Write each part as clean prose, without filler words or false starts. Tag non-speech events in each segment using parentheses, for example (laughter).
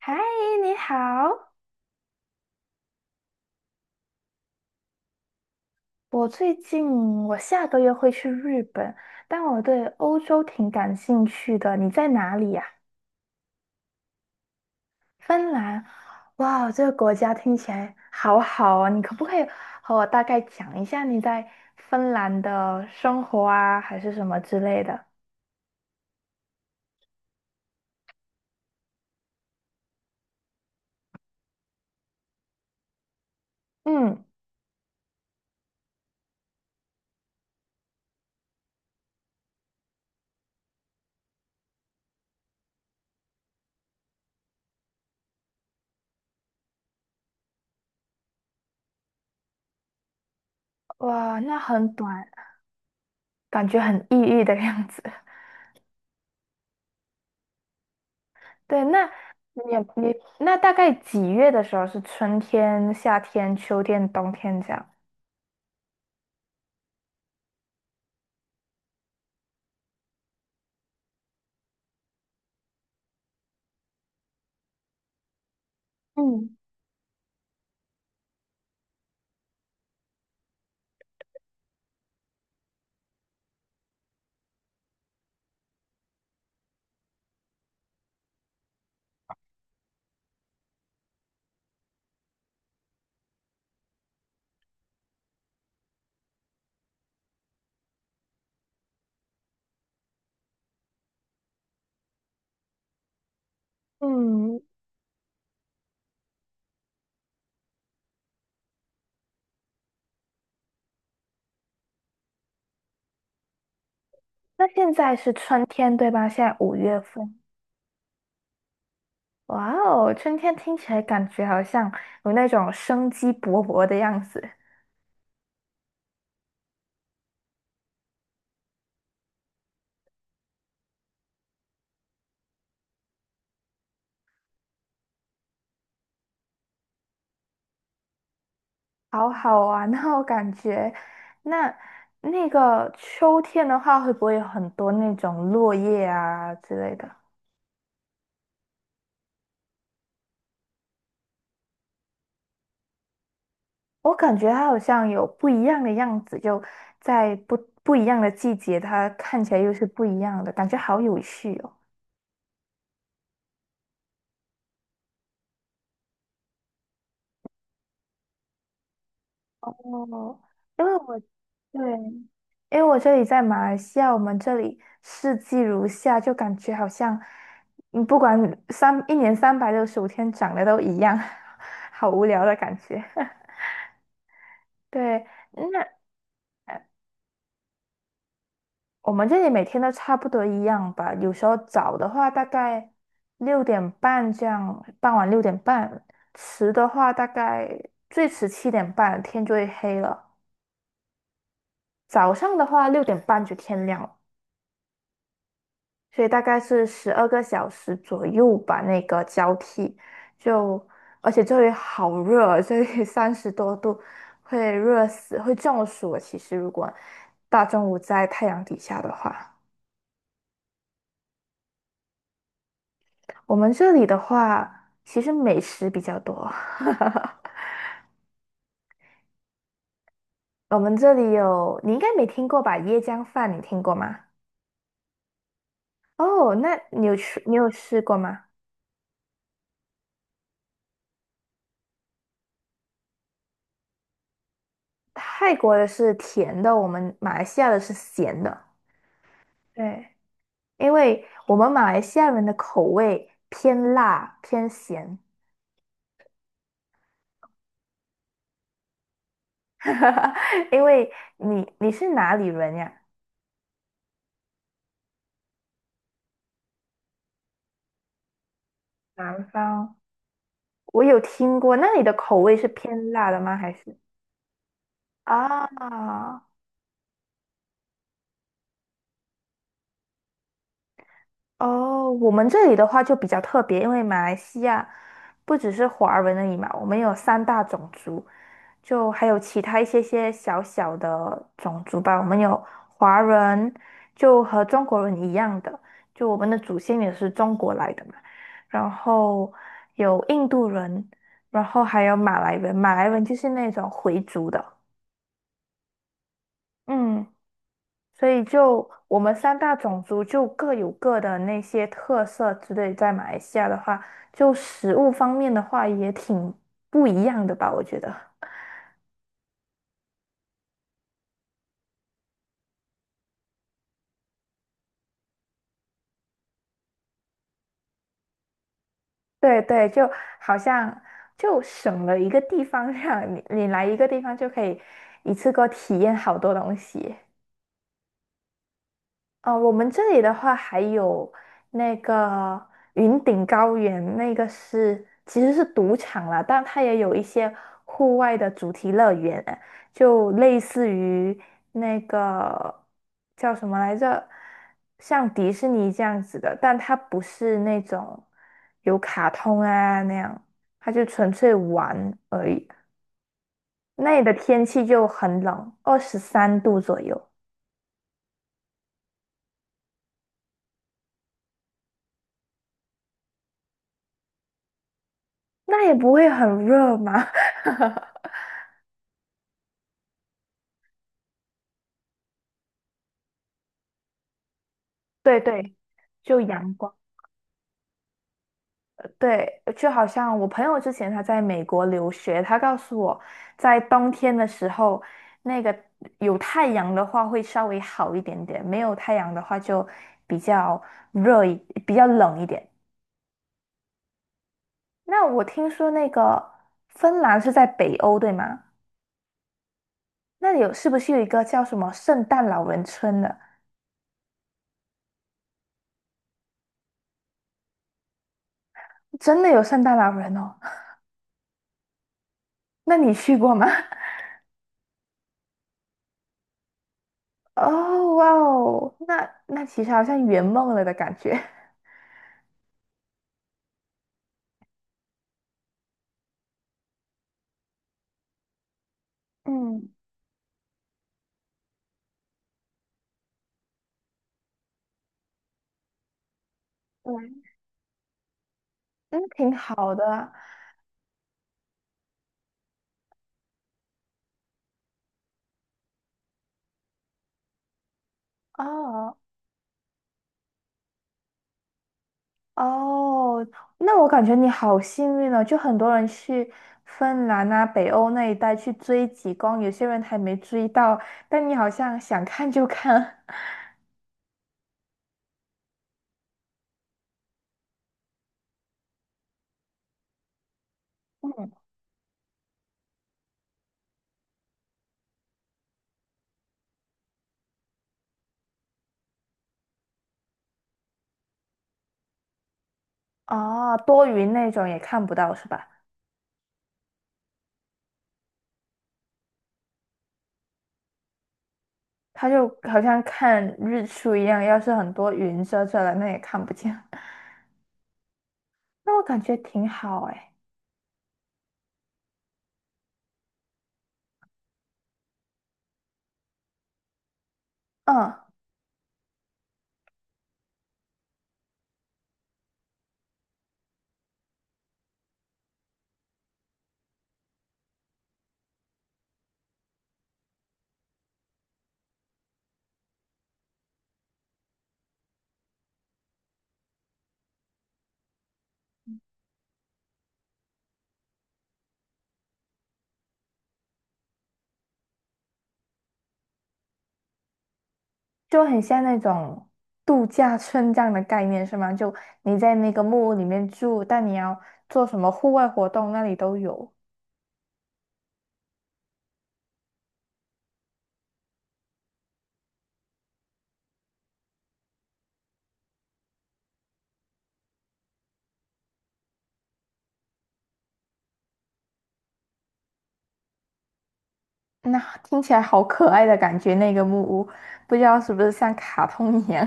嗨，你好。我最近我下个月会去日本，但我对欧洲挺感兴趣的。你在哪里呀？芬兰。哇，这个国家听起来好好哦。你可不可以和我大概讲一下你在芬兰的生活啊，还是什么之类的？嗯，哇，那很短，感觉很抑郁的样子。(laughs) 对，那你你那大概几月的时候是春天、夏天、秋天、冬天这样？嗯嗯，那现在是春天对吧？现在5月份，哇哦，春天听起来感觉好像有那种生机勃勃的样子，好好玩哦，(laughs) 感觉。那那个秋天的话，会不会有很多那种落叶啊之类的？我感觉它好像有不一样的样子，就在不一样的季节，它看起来又是不一样的，感觉好有趣哦。哦，因为我对，因为我这里在马来西亚，我们这里四季如夏，就感觉好像，嗯，不管一年365天长得都一样，(laughs) 好无聊的感觉。(laughs) 对，那呃我们这里每天都差不多一样吧。有时候早的话大概六点半这样，傍晚六点半；迟的话大概最迟7:30，天就会黑了。早上的话六点半就天亮了。所以大概是12个小时左右吧，那个交替就，而且这里好热，这里 (laughs) 30多度，会热死，会中暑的其实如果大中午在太阳底下的话，我们这里的话，其实美食比较多。(laughs) 我们这里有，你应该没听过吧？椰浆饭你听过吗？哦，那你有吃过吗？泰国的是甜的，我们马来西亚的是咸的。对。因为我们马来西亚人的口味偏辣偏咸，(laughs) 因为你是哪里人呀？南方，我有听过，那你的口味是偏辣的吗？还是啊？哦，我们这里的话就比较特别，因为马来西亚不只是华人而已嘛，我们有三大种族，就还有其他一些些小小的种族吧。我们有华人，就和中国人一样的，就我们的祖先也是中国来的嘛。然后有印度人，然后还有马来人，马来人就是那种回族的。嗯。所以就我们三大种族就各有各的那些特色之类，在马来西亚的话，就食物方面的话也挺不一样的吧，我觉得。(laughs) 对对，就好像就省了一个地方，让你来一个地方就可以一次过体验好多东西。哦，我们这里的话还有那个云顶高原，那个是其实是赌场啦，但它也有一些户外的主题乐园，就类似于那个叫什么来着，像迪士尼这样子的，但它不是那种有卡通啊那样，它就纯粹玩而已。那里的天气就很冷，23度左右，那也不会很热嘛。对对，就阳光，对，就好像我朋友之前他在美国留学，他告诉我，在冬天的时候，那个有太阳的话会稍微好一点点，没有太阳的话就比较热一，比较冷一点。那我听说那个芬兰是在北欧，对吗？那里有是不是有一个叫什么圣诞老人村的？真的有圣诞老人哦？(laughs) 那你去过吗？(laughs) 哦，哇哦，那那其实好像圆梦了的感觉。嗯对，嗯，挺好的哦哦，那我感觉你好幸运哦，就很多人去芬兰啊、北欧那一带去追极光，有些人还没追到，但你好像想看就看，(laughs) 嗯，哦，多云那种也看不到是吧？它就好像看日出一样，要是很多云遮着了，那也看不见。(laughs) 那我感觉挺好哎，嗯。就很像那种度假村这样的概念是吗？就你在那个木屋里面住，但你要做什么户外活动，那里都有。那听起来好可爱的感觉，那个木屋，不知道是不是像卡通一样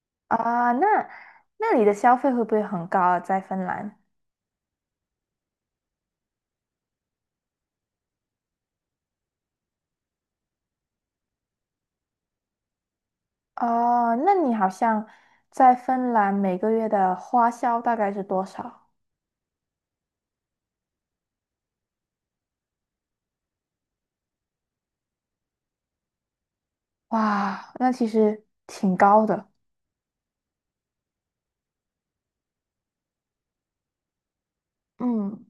(laughs) 啊？那那里的消费会不会很高啊？在芬兰？哦，那你好像在芬兰每个月的花销大概是多少？哇，那其实挺高的。嗯，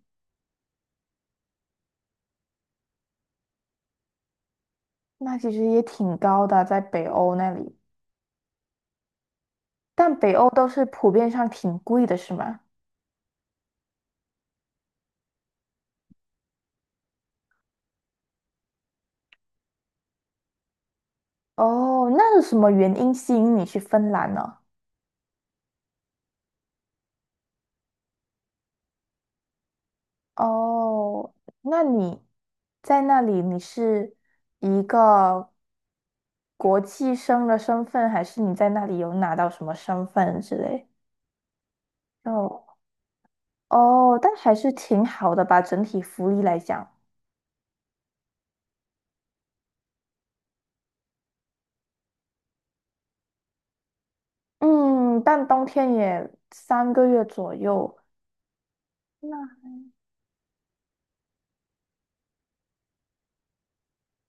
那其实也挺高的，在北欧那里。但北欧都是普遍上挺贵的，是吗？哦，那是什么原因吸引你去芬兰呢？哦，那你在那里你是一个国际生的身份，还是你在那里有拿到什么身份之类？哦哦，但还是挺好的吧，整体福利来讲。嗯，但冬天也3个月左右，那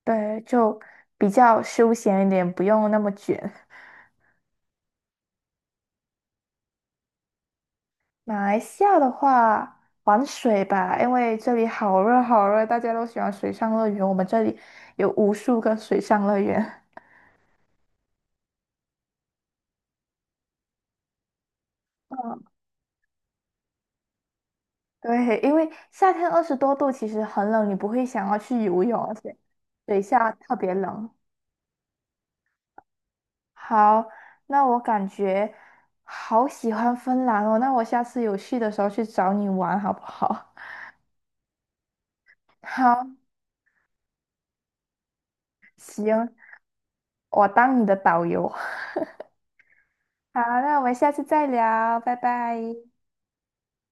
对，就比较休闲一点，不用那么卷。马来西亚的话，玩水吧，因为这里好热好热，大家都喜欢水上乐园。我们这里有无数个水上乐园。嗯，(laughs) 对，因为夏天20多度，其实很冷，你不会想要去游泳，而且水下特别冷。好，那我感觉好喜欢芬兰哦，那我下次有去的时候去找你玩好不好？(laughs) 好，行，我当你的导游。(laughs) 好，那我们下次再聊，拜拜。